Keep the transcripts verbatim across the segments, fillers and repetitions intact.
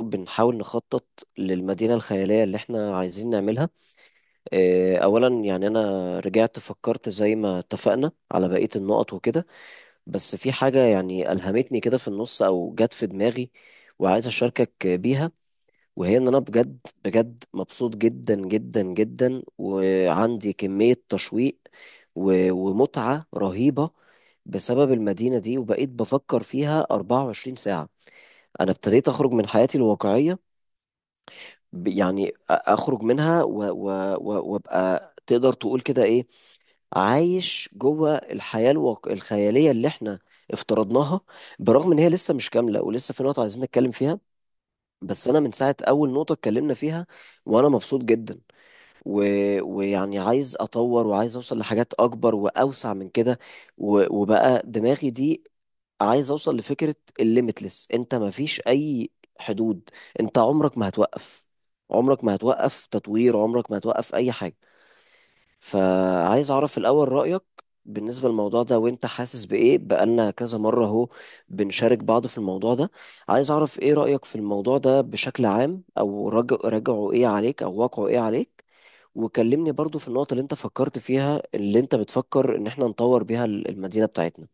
بنحاول نخطط للمدينة الخيالية اللي احنا عايزين نعملها. آه، أولا يعني أنا رجعت فكرت زي ما اتفقنا على بقية النقط وكده، بس في حاجة يعني ألهمتني كده في النص أو جت في دماغي وعايز أشاركك بيها. وهي إن أنا بجد بجد مبسوط جدا جدا جدا وعندي كمية تشويق و- ومتعة رهيبة بسبب المدينة دي وبقيت بفكر فيها اربعة وعشرين ساعة. أنا ابتديت أخرج من حياتي الواقعية، ب- يعني أ- اخرج منها و- و- و- وابقى تقدر تقول كده ايه، عايش جوه الحياة الواقع الخيالية اللي احنا افترضناها، برغم ان هي لسه مش كاملة ولسه في نقطة عايزين نتكلم فيها. بس انا من ساعة اول نقطة اتكلمنا فيها وانا مبسوط جدا و... ويعني عايز اطور وعايز اوصل لحاجات اكبر واوسع من كده و... وبقى دماغي دي عايز اوصل لفكرة الليميتلس، انت مفيش اي حدود، انت عمرك ما هتوقف، عمرك ما هتوقف تطوير، عمرك ما هتوقف اي حاجة. فعايز اعرف الاول رأيك بالنسبة للموضوع ده، وانت حاسس بايه بقالنا كذا مرة اهو بنشارك بعض في الموضوع ده. عايز اعرف ايه رأيك في الموضوع ده بشكل عام، او رج- رجعه ايه عليك، او واقعه ايه عليك. وكلمني برضو في النقطة اللي انت فكرت فيها اللي انت بتفكر ان احنا نطور بيها المدينة بتاعتنا.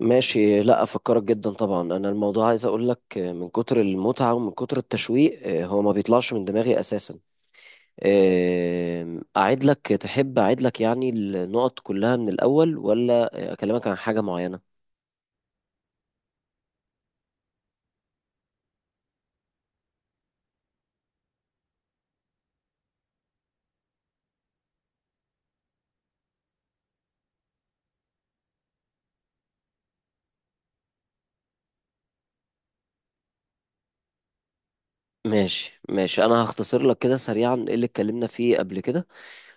ماشي، لا افكرك جدا طبعا. انا الموضوع عايز اقول لك، آه، من كتر المتعه ومن كتر التشويق، آه، هو ما بيطلعش من دماغي اساسا. آه، اعيد لك، تحب اعيد لك يعني النقط كلها من الاول، ولا اكلمك عن حاجه معينه؟ ماشي ماشي، انا هختصر لك كده سريعا ايه اللي اتكلمنا فيه قبل كده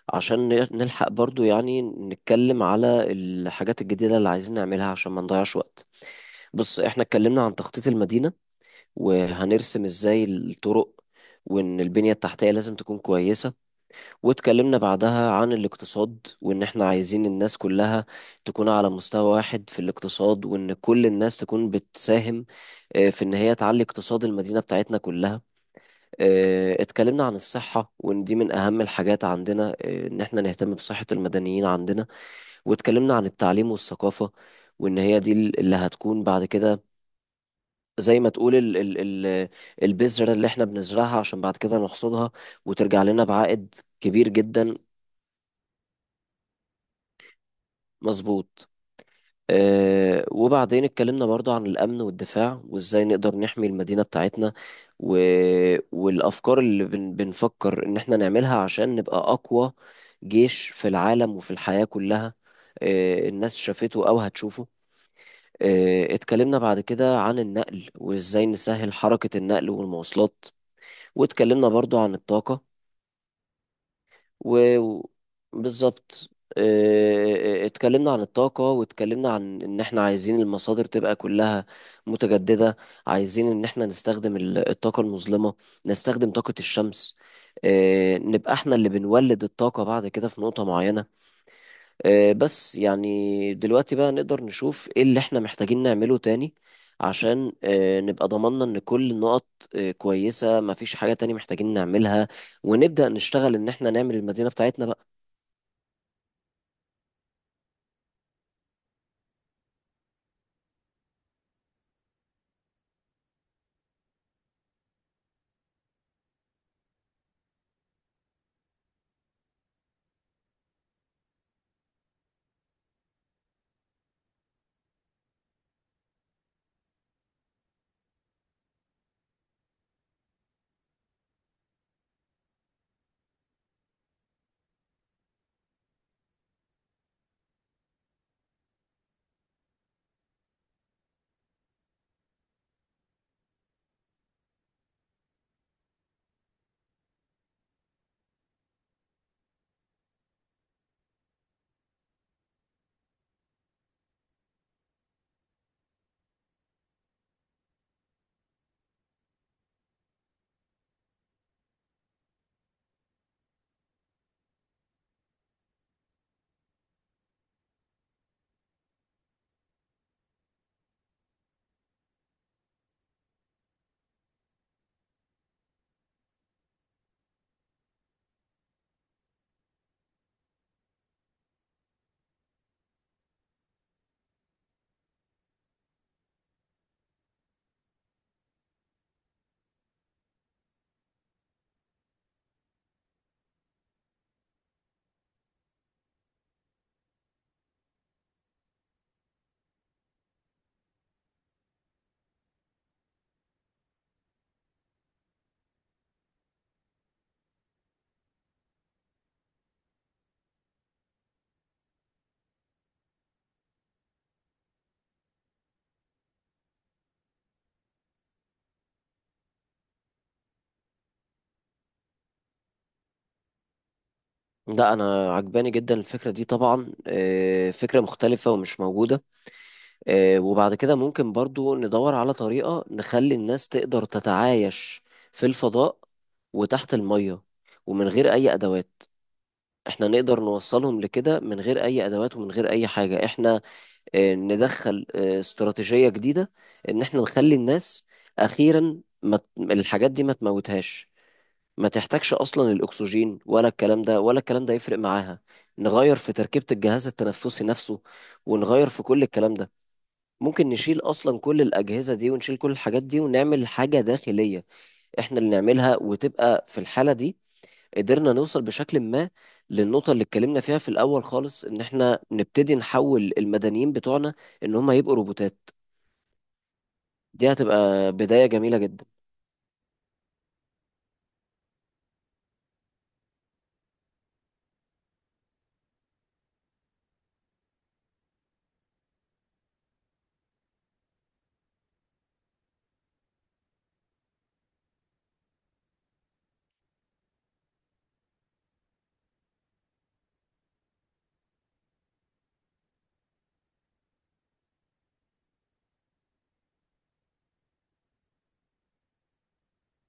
عشان ن- نلحق برضو يعني نتكلم على الحاجات الجديده اللي عايزين نعملها عشان ما نضيعش وقت. بص، احنا اتكلمنا عن تخطيط المدينه، وهنرسم ازاي الطرق، وان البنية التحتية لازم تكون كويسة. واتكلمنا بعدها عن الاقتصاد، وان احنا عايزين الناس كلها تكون على مستوى واحد في الاقتصاد، وان كل الناس تكون بتساهم آه، في ان هي تعلي اقتصاد المدينة بتاعتنا كلها. آه، اتكلمنا عن الصحة وان دي من اهم الحاجات عندنا، آه، ان احنا نهتم بصحة المدنيين عندنا. واتكلمنا عن التعليم والثقافة، وإن هي دي اللي هتكون بعد كده زي ما تقول ال ال ال البذرة اللي احنا بنزرعها عشان بعد كده نحصدها، وترجع لنا بعائد كبير جدا. مظبوط. اه، وبعدين اتكلمنا برضو عن الأمن والدفاع، وازاي نقدر نحمي المدينة بتاعتنا، و والأفكار اللي بن بنفكر إن احنا نعملها عشان نبقى أقوى جيش في العالم وفي الحياة كلها. اه، الناس شافته أو هتشوفه. اه، اتكلمنا بعد كده عن النقل وازاي نسهل حركة النقل والمواصلات. واتكلمنا برضو عن الطاقة و... و- بالظبط. آه، اتكلمنا عن الطاقة، واتكلمنا عن ان احنا عايزين المصادر تبقى كلها متجددة. عايزين ان احنا نستخدم ال- الطاقة المظلمة، نستخدم طاقة الشمس، آه، نبقى احنا اللي بنولد الطاقة بعد كده في نقطة معينة. آه، بس يعني دلوقتي بقى نقدر نشوف ايه اللي احنا محتاجين نعمله تاني، عشان آه، نبقى ضمننا ان كل النقط آه، كويسة، مفيش حاجة تاني محتاجين نعملها، ونبدأ نشتغل ان احنا نعمل المدينة بتاعتنا بقى. لا، انا عجباني جدا الفكرة دي طبعا، آه، فكرة مختلفة ومش موجودة. آه، وبعد كده ممكن برضو ندور على طريقة نخلي الناس تقدر تتعايش في الفضاء وتحت المية ومن غير اي ادوات. احنا نقدر نوصلهم لكده من غير اي ادوات ومن غير اي حاجة. احنا آه، ندخل آه، استراتيجية جديدة، ان احنا نخلي الناس اخيرا ما ت- الحاجات دي ما تموتهاش، ما تحتاجش اصلا الاكسجين ولا الكلام ده ولا الكلام ده يفرق معاها. نغير في تركيبة الجهاز التنفسي نفسه، ونغير في كل الكلام ده. ممكن نشيل اصلا كل الاجهزة دي ونشيل كل الحاجات دي، ونعمل حاجة داخلية احنا اللي نعملها، وتبقى في الحالة دي قدرنا نوصل بشكل ما للنقطة اللي اتكلمنا فيها في الأول خالص، إن إحنا نبتدي نحول المدنيين بتوعنا إن هم يبقوا روبوتات. دي هتبقى بداية جميلة جدا.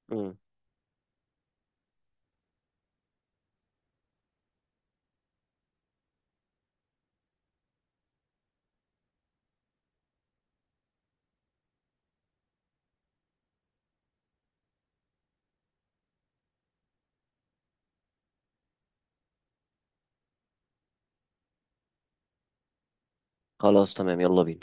مم. خلاص تمام، يلا بينا.